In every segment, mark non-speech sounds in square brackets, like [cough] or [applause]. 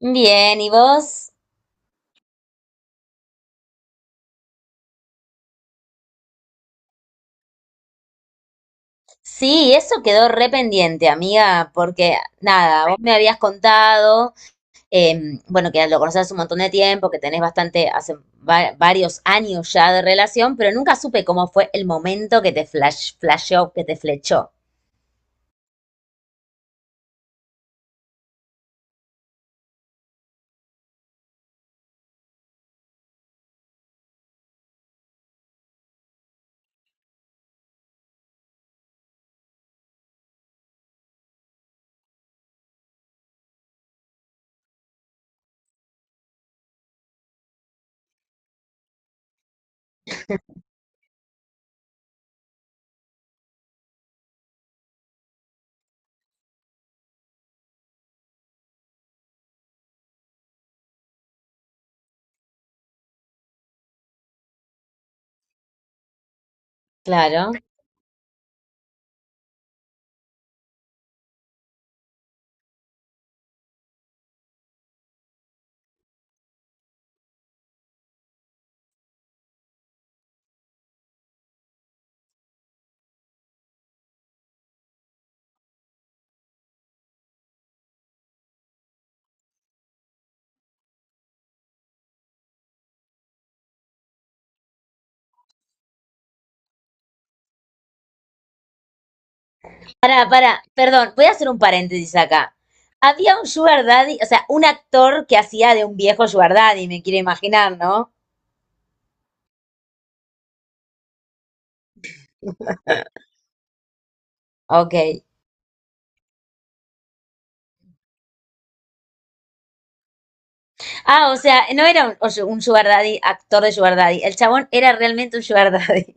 Bien, ¿y vos? Sí, eso quedó re pendiente, amiga, porque nada, vos me habías contado, bueno, que lo conocés hace un montón de tiempo, que tenés bastante, hace varios años ya de relación, pero nunca supe cómo fue el momento que te flasheó, que te flechó. Claro. Para, perdón, voy a hacer un paréntesis acá. Había un sugar daddy, o sea, un actor que hacía de un viejo sugar daddy, me quiero imaginar, ¿no? Ok. Ah, o sea, no era un, o sea, un sugar daddy, actor de sugar daddy. El chabón era realmente un sugar [laughs] daddy.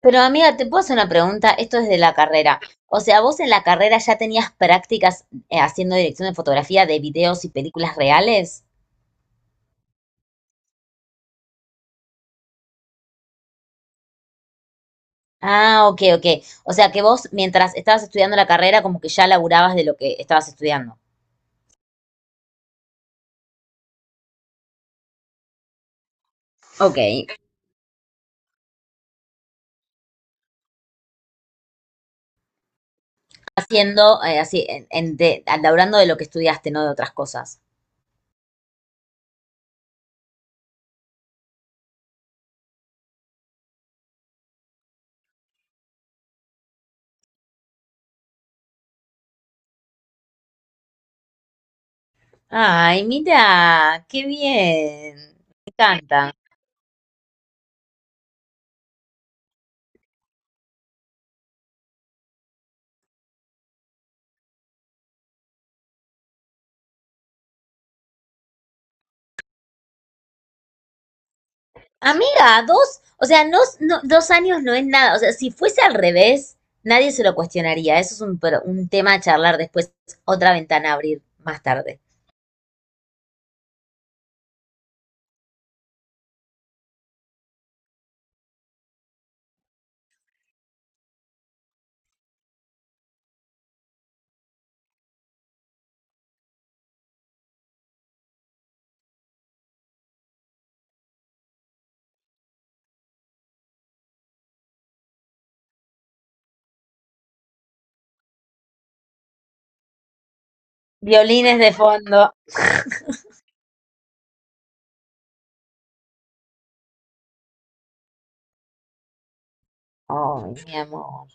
Pero amiga, te puedo hacer una pregunta. Esto es de la carrera. O sea, vos en la carrera ya tenías prácticas haciendo dirección de fotografía de videos y películas reales. Ah, ok. O sea, que vos mientras estabas estudiando la carrera como que ya laburabas de lo que estabas estudiando. Ok, haciendo, así, laburando de lo que estudiaste, no de otras cosas. Ay, mira, qué bien. Me encanta. Amiga, dos, o sea, dos años no es nada. O sea, si fuese al revés, nadie se lo cuestionaría. Eso es un tema a charlar después, otra ventana a abrir más tarde. Violines de fondo. Ay, mi amor.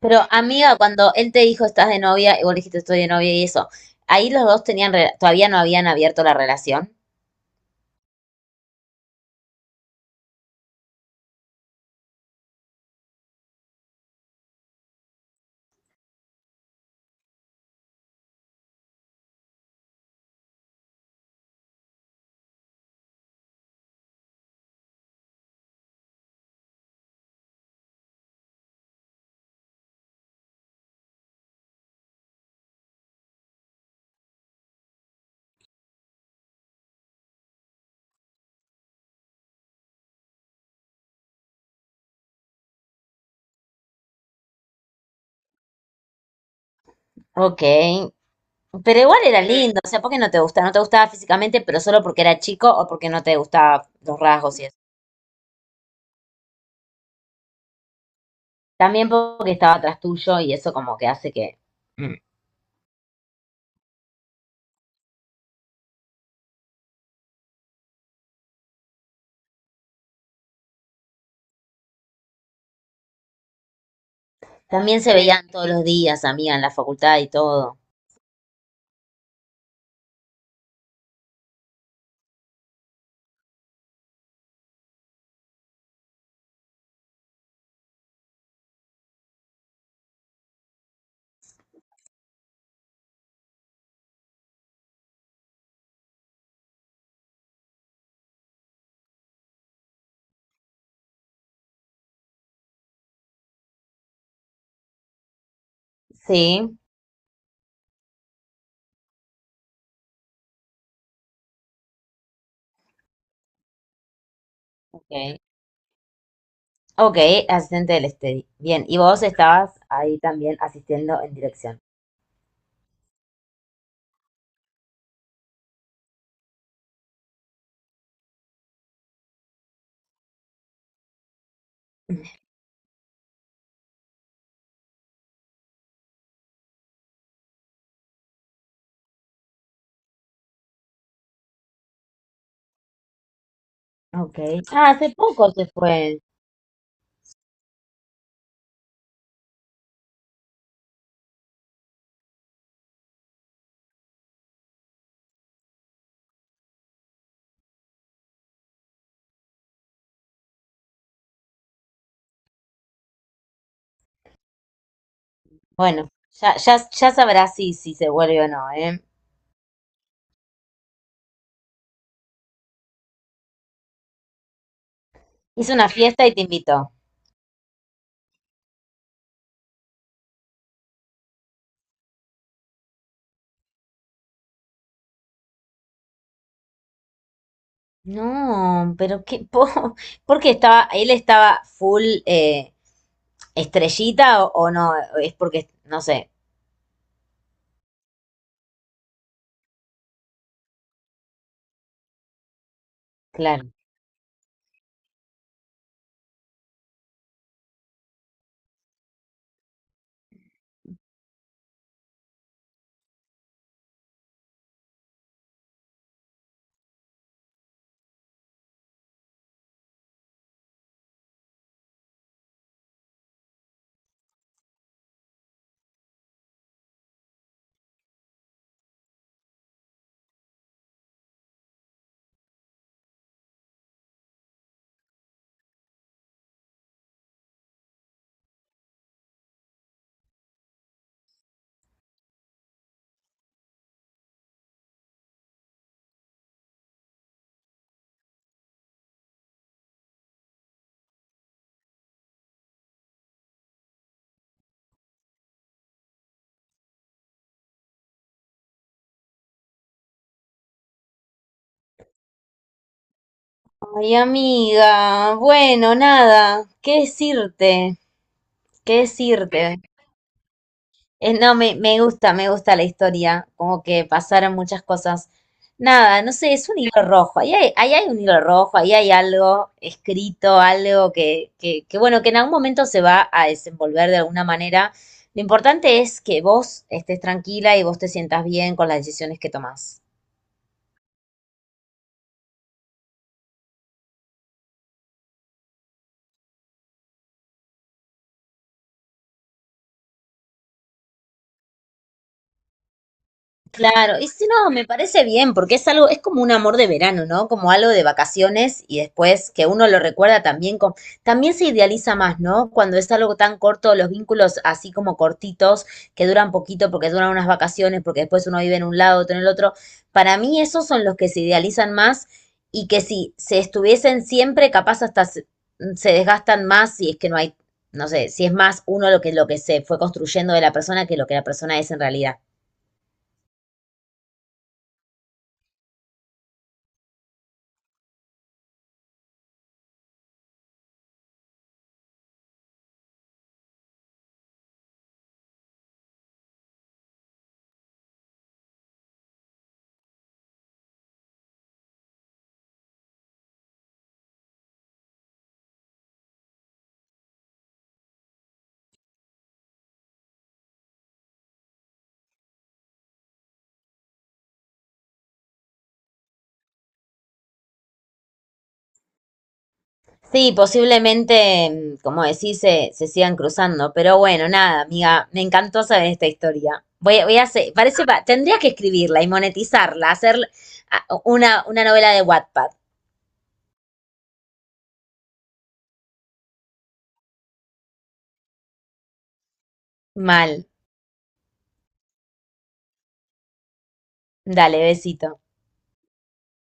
Pero, amiga, cuando él te dijo estás de novia, y vos le dijiste estoy de novia y eso, ahí los dos todavía no habían abierto la relación. Ok. Pero igual era, sí, lindo, o sea, ¿por qué no te gustaba? No te gustaba físicamente, pero solo porque era chico o porque no te gustaban los rasgos y eso. También porque estaba atrás tuyo y eso como que hace que... Mm. También se veían todos los días, amiga, en la facultad y todo. Sí, ok. Ok, asistente del steady. Bien, y vos estabas ahí también asistiendo en dirección. Ok. Ah, hace poco se fue. Bueno, ya sabrás si se vuelve o no, ¿eh? Hizo una fiesta y te invitó. No, pero qué po [laughs] ¿por qué estaba, él estaba full estrellita o no, es porque, no sé, claro. Ay, amiga, bueno, nada, qué decirte. No, me gusta la historia, como que pasaron muchas cosas. Nada, no sé, es un hilo rojo, ahí hay un hilo rojo, ahí hay algo escrito, que, bueno, que en algún momento se va a desenvolver de alguna manera. Lo importante es que vos estés tranquila y vos te sientas bien con las decisiones que tomás. Claro, y si no, me parece bien, porque es algo, es como un amor de verano, ¿no? Como algo de vacaciones y después que uno lo recuerda también con, también se idealiza más, ¿no? Cuando es algo tan corto, los vínculos así como cortitos, que duran poquito porque duran unas vacaciones, porque después uno vive en un lado, otro en el otro. Para mí esos son los que se idealizan más y que si se estuviesen siempre, capaz se desgastan más si es que no hay, no sé, si es más uno lo que se fue construyendo de la persona que lo que la persona es en realidad. Sí, posiblemente, mm, como decís, se sigan cruzando. Pero bueno, nada, amiga, me encantó saber esta historia. Voy a hacer, parece, tendría que escribirla y monetizarla, hacer una novela de Wattpad. Mal. Dale, besito.